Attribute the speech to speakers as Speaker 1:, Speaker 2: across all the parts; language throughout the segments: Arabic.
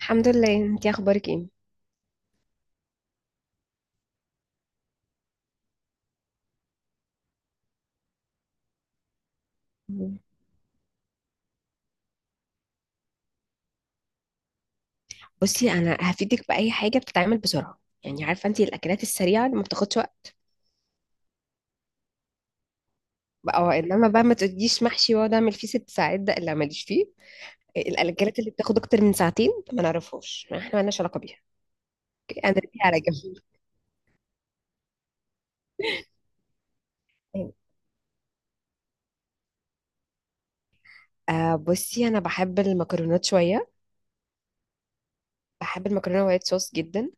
Speaker 1: الحمد لله، انتي اخبارك ايه؟ مم. بصي، انا هفيدك باي حاجه بتتعمل بسرعه، يعني عارفه انتي الاكلات السريعه اللي ما بتاخدش وقت. بقى. اه انما بقى ما تقوليش محشي واقعد اعمل فيه ست ساعات، ده لا ماليش فيه. الاكلات اللي بتاخد اكتر من ساعتين ما نعرفهاش، احنا مالناش علاقه بيها. اوكي، انا دي على جنب. بصي، انا بحب المكرونات شويه، بحب المكرونه وايت صوص جدا.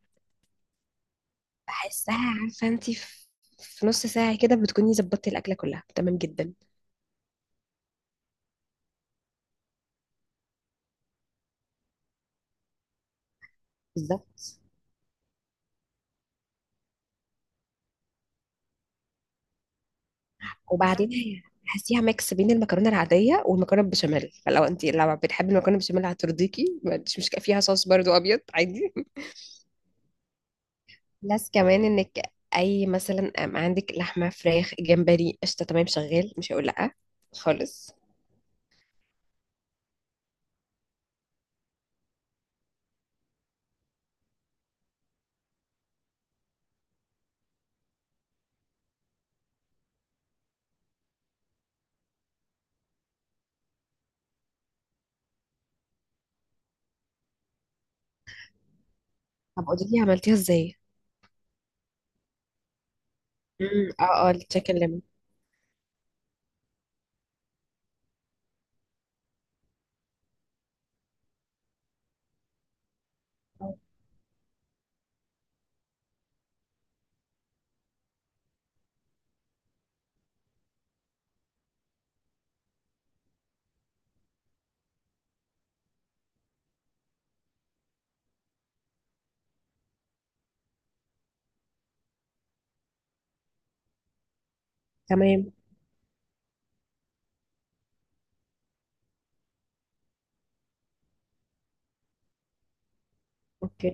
Speaker 1: بحسها، عارفه انتي في، في نص ساعه كده بتكوني ظبطتي الاكله كلها تمام جدا. بالظبط. وبعدين هي تحسيها ميكس بين المكرونه العاديه والمكرونه بالبشاميل، فلو انت لو بتحبي المكرونه بالبشاميل هترضيكي، مش فيها صوص برضو ابيض عادي. بلس كمان انك، اي مثلا عندك لحمه، فراخ، جمبري، قشطه، تمام، شغال، مش هقول لا خالص. طب قولي لي عملتيها ازاي؟ اه اه، التشيكن ليمون. تمام. اوكي.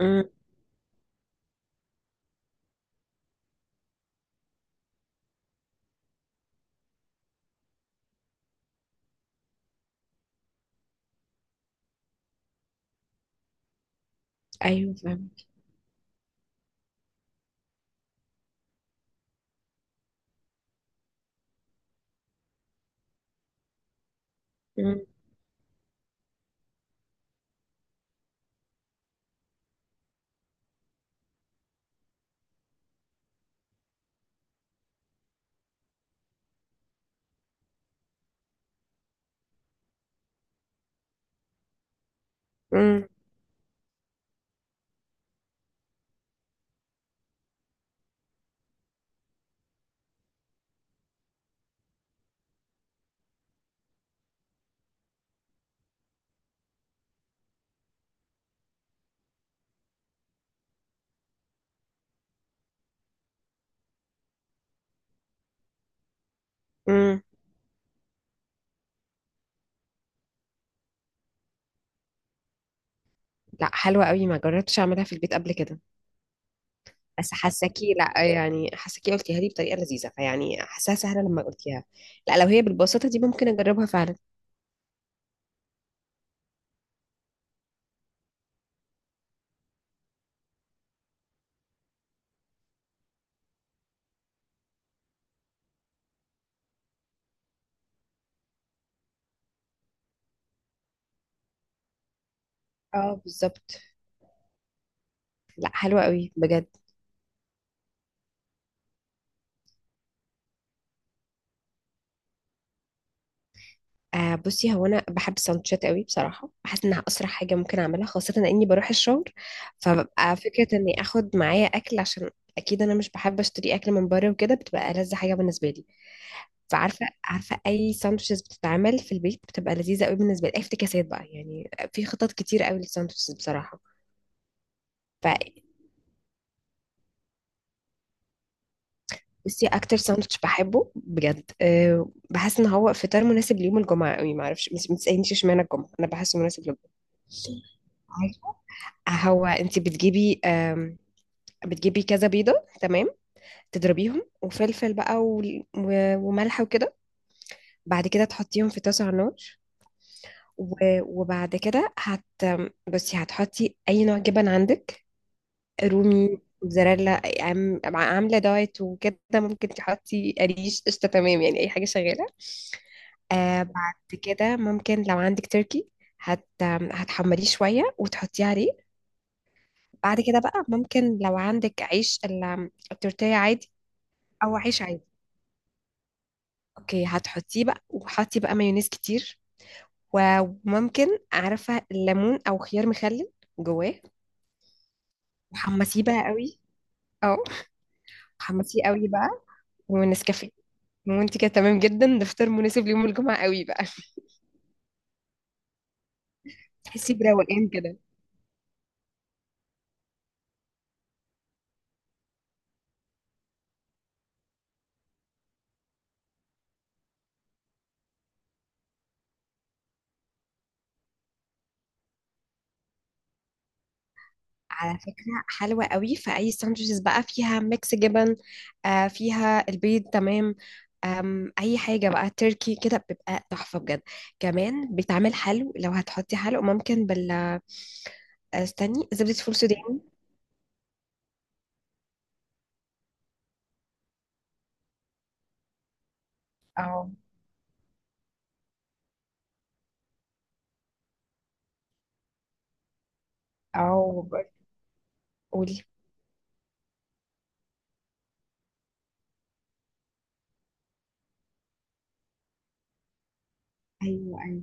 Speaker 1: امم. ايوه فاهم. امم. امم. لا حلوه قوي، ما جربتش اعملها في البيت قبل كده. بس حاساكي، لا يعني حاساكي قلتيها لي بطريقه لذيذه، فيعني حاساها سهله لما قلتيها. لا لو هي بالبساطه دي ممكن اجربها فعلا. اه بالظبط. لا حلوه قوي بجد. بصي، هو انا بحب السندوتشات قوي بصراحه، بحس انها اسرع حاجه ممكن اعملها، خاصه اني بروح الشغل فببقى فكره اني اخد معايا اكل، عشان اكيد انا مش بحب اشتري اكل من بره، وكده بتبقى ألذ حاجه بالنسبه لي. فعارفه اي ساندوتشز بتتعمل في البيت بتبقى لذيذه قوي بالنسبه لي، اي افتكاسات بقى، يعني في خطط كتير قوي للساندوتشز بصراحه. بصي اكتر ساندوتش بحبه بجد، بحس ان هو فطار مناسب ليوم الجمعه قوي، ما اعرفش بس، ما تسالنيش اشمعنى الجمعه، انا بحسه مناسب للجمعه. عارفه، هو انت بتجيبي، بتجيبي كذا بيضه، تمام، تضربيهم وفلفل بقى وملح وكده. بعد كده تحطيهم في طاسه على النار، و- وبعد كده هت بصي هتحطي اي نوع جبن عندك، رومي، موتزاريلا، عامله دايت وكده ممكن تحطي قريش، قشطه، تمام، يعني اي حاجه شغاله. بعد كده ممكن لو عندك تركي، هت هتحمريه شوية وتحطيه عليه. بعد كده بقى ممكن لو عندك عيش التورتيه عادي، أو عيش عادي. اوكي، هتحطيه بقى وحطي بقى مايونيز كتير، و- وممكن، عارفة، الليمون أو خيار مخلل جواه، وحمسيه بقى قوي. اه، حمسيه قوي بقى، ونسكافيه، وانت كده تمام جدا. ده فطار مناسب ليوم الجمعة قوي بقى. تحسي بروقان كده. على فكرة حلوة قوي، فأي ساندوتشز بقى فيها ميكس جبن، فيها البيض، تمام، أي حاجة بقى تركي كده بتبقى تحفة بجد. كمان بتعمل حلو، لو هتحطي حلو ممكن بال آه، استني، زبدة فول سوداني. أو أو قولي. أيوه أيوه.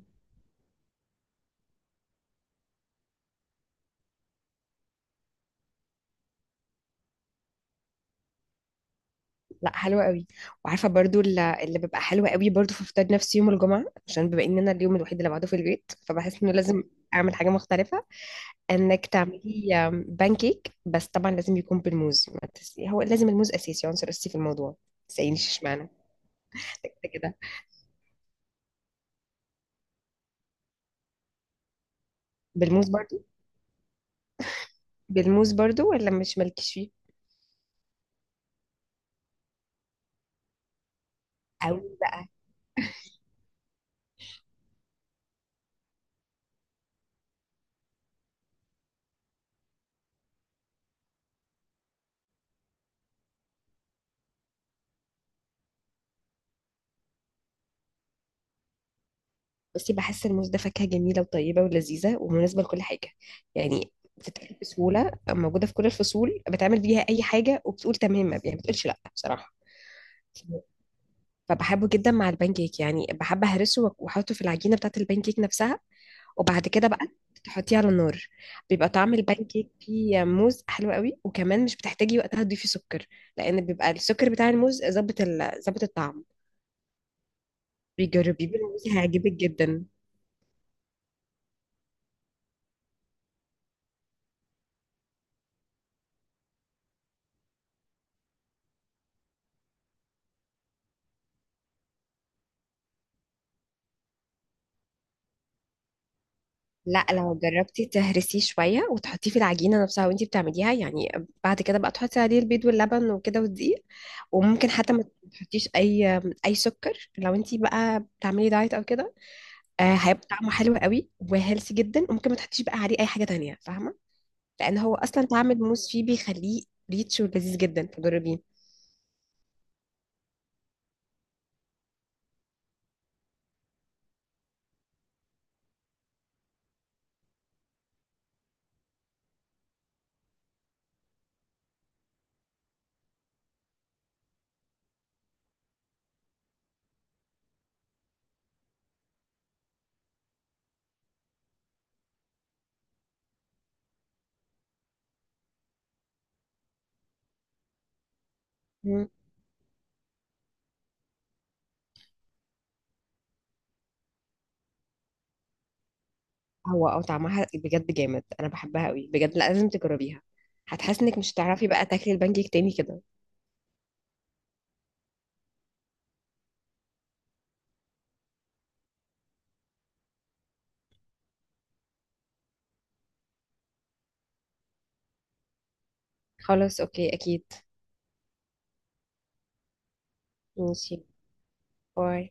Speaker 1: لا حلوة قوي. وعارفة برضو اللي بيبقى حلو قوي برضو في فطار، نفسي يوم الجمعة عشان بما إن أنا اليوم الوحيد اللي بعده في البيت، فبحس إنه لازم أعمل حاجة مختلفة. انك تعملي بانكيك، بس طبعا لازم يكون بالموز، ما تس... هو لازم الموز اساسي، عنصر اساسي في الموضوع. تسألينيش اشمعنى. كده كده. بالموز برضو. بالموز برضو ولا مش مالكش فيه. قوي بقى. بصي بحس الموز ده فاكهة جميلة وطيبة ولذيذة ومناسبة لكل حاجة، يعني بتتاكل بسهولة، موجودة في كل الفصول، بتعمل بيها أي حاجة وبتقول تمام، يعني ما بتقولش لأ بصراحة. فبحبه جدا مع البانكيك، يعني بحب أهرسه وأحطه في العجينة بتاعة البانكيك نفسها، وبعد كده بقى تحطيه على النار. بيبقى طعم البان كيك فيه موز حلو قوي، وكمان مش بتحتاجي وقتها تضيفي سكر، لان بيبقى السكر بتاع الموز ظابط ظابط الطعم. بيجربيه بالموز هيعجبك جدا. لا لو جربتي تهرسيه شويه وتحطيه في العجينه نفسها وانتي بتعمليها يعني، بعد كده بقى تحطي عليه البيض واللبن وكده والدقيق، وممكن حتى ما تحطيش اي سكر لو انتي بقى بتعملي دايت او كده. هيبقى طعمه حلو قوي وهيلثي جدا، وممكن ما تحطيش بقى عليه اي حاجه تانية، فاهمه، لان هو اصلا طعم الموز فيه بيخليه ريتش ولذيذ جدا، فجربيه. مم. هو او طعمها بجد جامد، انا بحبها قوي بجد، لا، لازم تجربيها، هتحس انك مش هتعرفي بقى تاكلي البانكيك تاني كده. خلاص اوكي اكيد. ماشي، باي.